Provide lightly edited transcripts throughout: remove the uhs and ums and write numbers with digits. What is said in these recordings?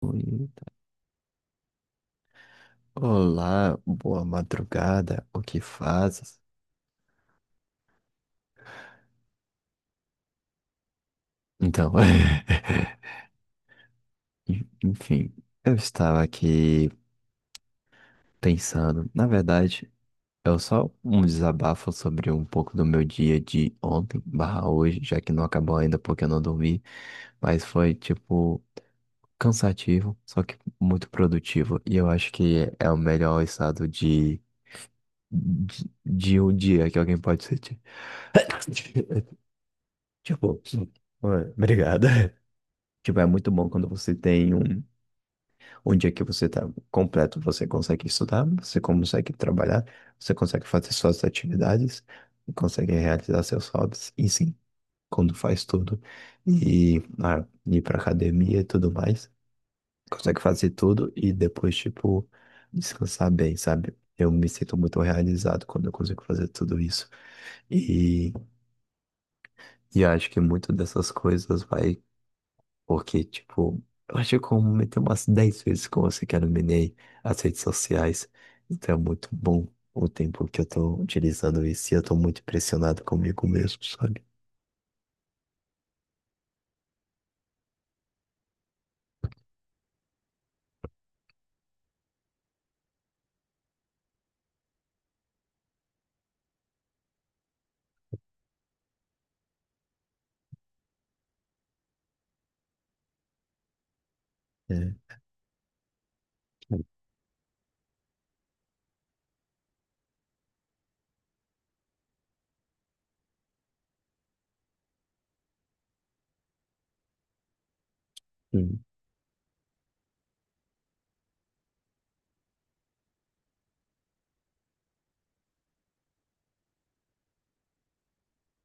Oi. Olá, boa madrugada, o que fazes? Então, enfim, eu estava aqui pensando, na verdade, é só um desabafo sobre um pouco do meu dia de ontem barra hoje, já que não acabou ainda porque eu não dormi, mas foi, tipo, cansativo, só que muito produtivo, e eu acho que é o melhor estado de, de um dia que alguém pode sentir. Tipo, ué, obrigado. Tipo, é muito bom quando você tem um, um dia que você tá completo, você consegue estudar, você consegue trabalhar, você consegue fazer suas atividades, consegue realizar seus hobbies, e sim, quando faz tudo, e ah, ir pra academia e tudo mais, consegue fazer tudo e depois, tipo, descansar bem, sabe? Eu me sinto muito realizado quando eu consigo fazer tudo isso. E, e acho que muito dessas coisas vai. Porque, tipo, eu acho que eu comentei umas 10 vezes com você que eu eliminei as redes sociais. Então é muito bom o tempo que eu tô utilizando isso e eu tô muito impressionado comigo mesmo, sabe? É, hum,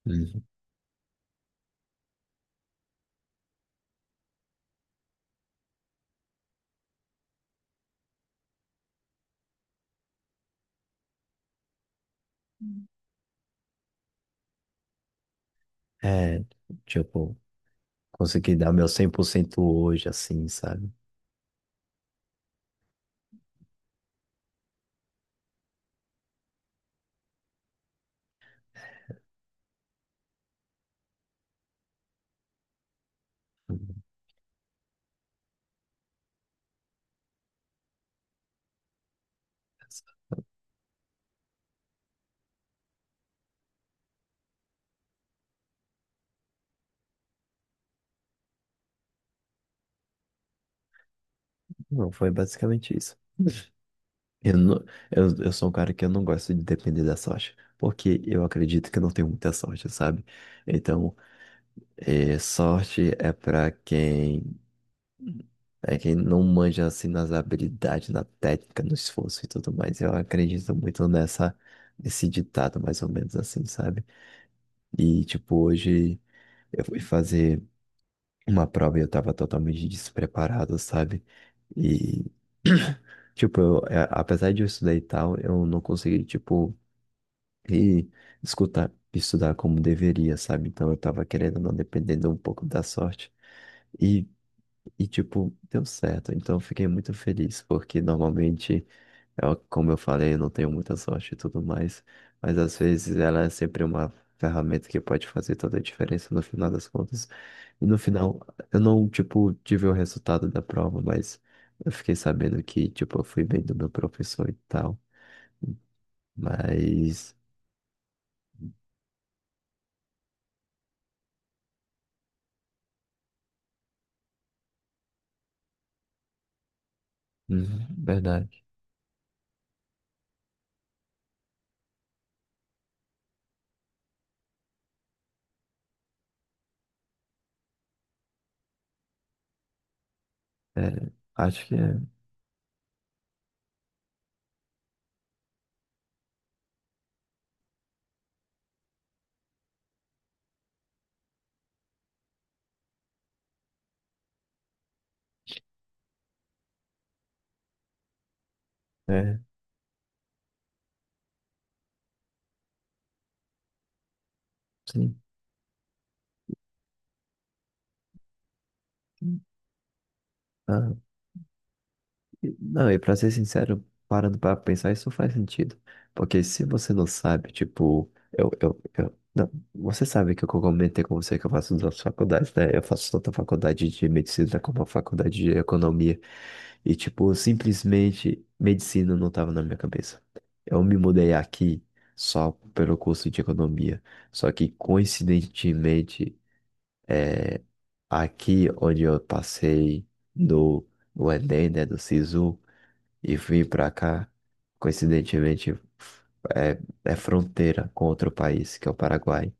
hum. É, tipo, consegui dar meu 100% hoje, assim, sabe? Não, foi basicamente isso. Eu, não, eu sou um cara que eu não gosto de depender da sorte, porque eu acredito que eu não tenho muita sorte, sabe? Então, e sorte é para quem é quem não manja assim nas habilidades, na técnica, no esforço e tudo mais. Eu acredito muito nessa nesse ditado mais ou menos assim, sabe? E tipo hoje eu fui fazer uma prova e eu tava totalmente despreparado, sabe? E tipo, eu, é, apesar de eu estudar e tal, eu não consegui tipo ir escutar estudar como deveria, sabe? Então eu tava querendo ou não dependendo um pouco da sorte. E e, tipo, deu certo. Então, eu fiquei muito feliz, porque normalmente, eu, como eu falei, eu não tenho muita sorte e tudo mais, mas às vezes ela é sempre uma ferramenta que pode fazer toda a diferença no final das contas. E no final, eu não, tipo, tive o resultado da prova, mas eu fiquei sabendo que, tipo, eu fui bem do meu professor e tal. Mas, uhum, verdade. É, acho que é. É, sim. Ah, não, e pra ser sincero, parando pra pensar, isso faz sentido. Porque se você não sabe, tipo, eu, não, você sabe que eu comentei com você que eu faço duas faculdades, né? Eu faço tanto a faculdade de medicina como a faculdade de economia. E, tipo, simplesmente medicina não tava na minha cabeça. Eu me mudei aqui só pelo curso de economia. Só que, coincidentemente, aqui onde eu passei no, no Enem, né, do SISU, e vim pra cá, coincidentemente, é, é fronteira com outro país, que é o Paraguai.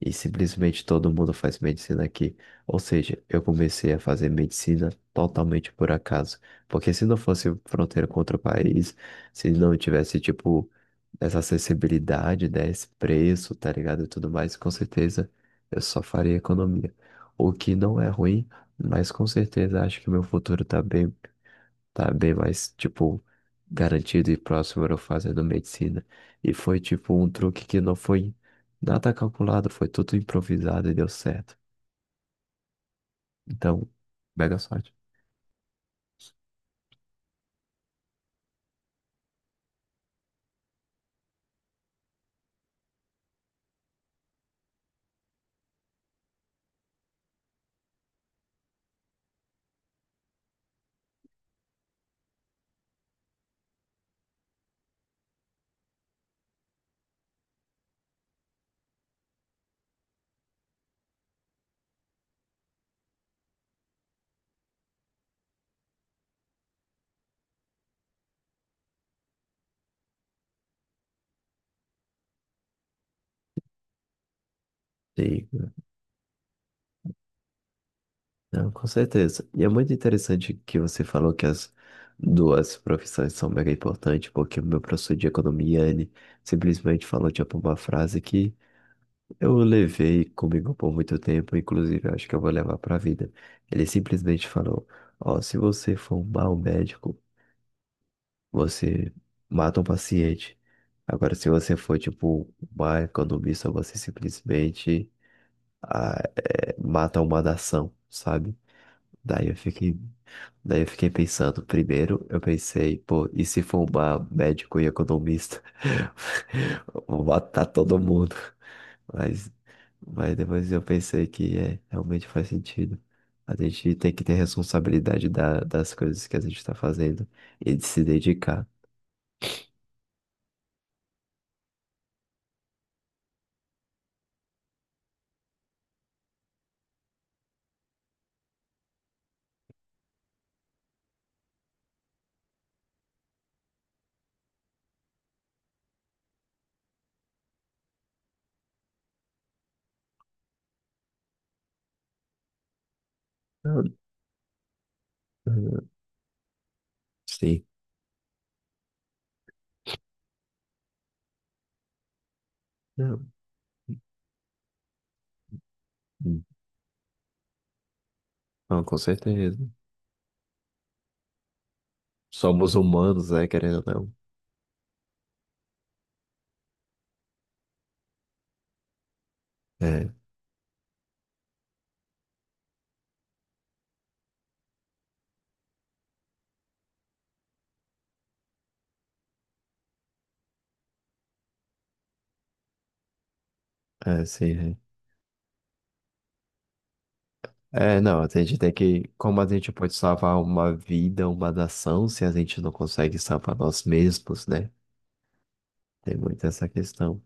E simplesmente todo mundo faz medicina aqui. Ou seja, eu comecei a fazer medicina totalmente por acaso. Porque se não fosse fronteira com outro país, se não tivesse, tipo, essa acessibilidade, né, esse preço, tá ligado? E tudo mais, com certeza eu só faria economia. O que não é ruim, mas com certeza acho que meu futuro tá bem mais, tipo, garantido e próximo era eu fazendo medicina. E foi, tipo, um truque que não foi nada calculado, foi tudo improvisado e deu certo. Então, mega sorte. Sim, não, com certeza. E é muito interessante que você falou que as duas profissões são mega importantes, porque o meu professor de economia, ele simplesmente falou, tipo, uma frase que eu levei comigo por muito tempo, inclusive eu acho que eu vou levar pra vida. Ele simplesmente falou: Ó, se você for um mau médico, você mata um paciente. Agora, se você for, tipo, uma economista, você simplesmente ah, é, mata uma nação, sabe? Daí eu fiquei, daí eu fiquei pensando. Primeiro, eu pensei, pô, e se for uma médico e economista? Vou matar todo mundo. Mas, mas depois eu pensei que é, realmente faz sentido. A gente tem que ter responsabilidade da, das coisas que a gente está fazendo e de se dedicar. Não, não, sim, não, hum, não, com certeza. Somos humanos, né, querendo ou não. É, é, sim. É, é, não, a gente tem que. Como a gente pode salvar uma vida, uma nação, se a gente não consegue salvar nós mesmos, né? Tem muito essa questão.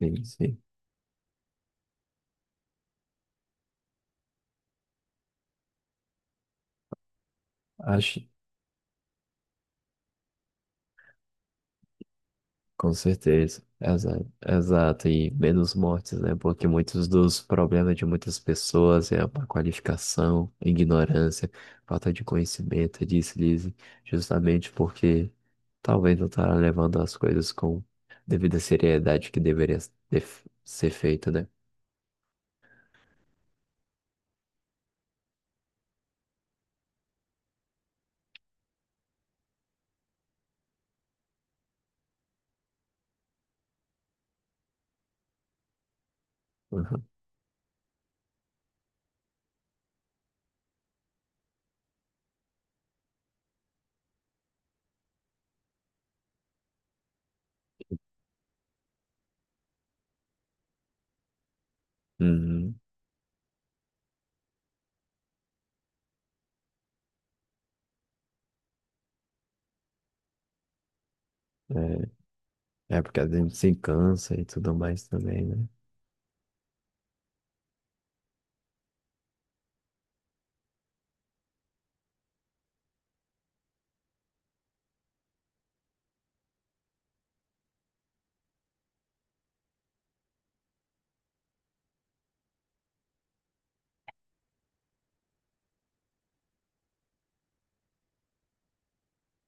Sim, sim. Acho. Com certeza, exato, exato, e menos mortes, né? Porque muitos dos problemas de muitas pessoas é a má qualificação, ignorância, falta de conhecimento, é deslize, justamente porque talvez não está levando as coisas com devida seriedade que deveria ter- ser feita, né? Uhum. Uhum. É, é porque a gente se cansa e tudo mais também, né?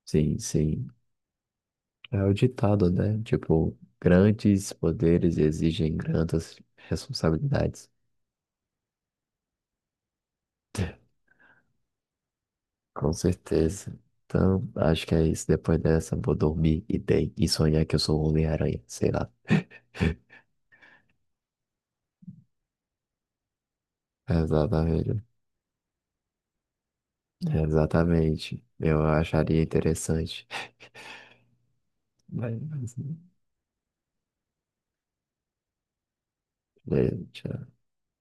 Sim, sim. É o ditado, né? Tipo, grandes poderes exigem grandes responsabilidades. Com certeza. Então, acho que é isso. Depois dessa, vou dormir e dei. E sonhar que eu sou o Homem-Aranha, sei lá. Exatamente. Exatamente. Eu acharia interessante. Mas, é, tchau.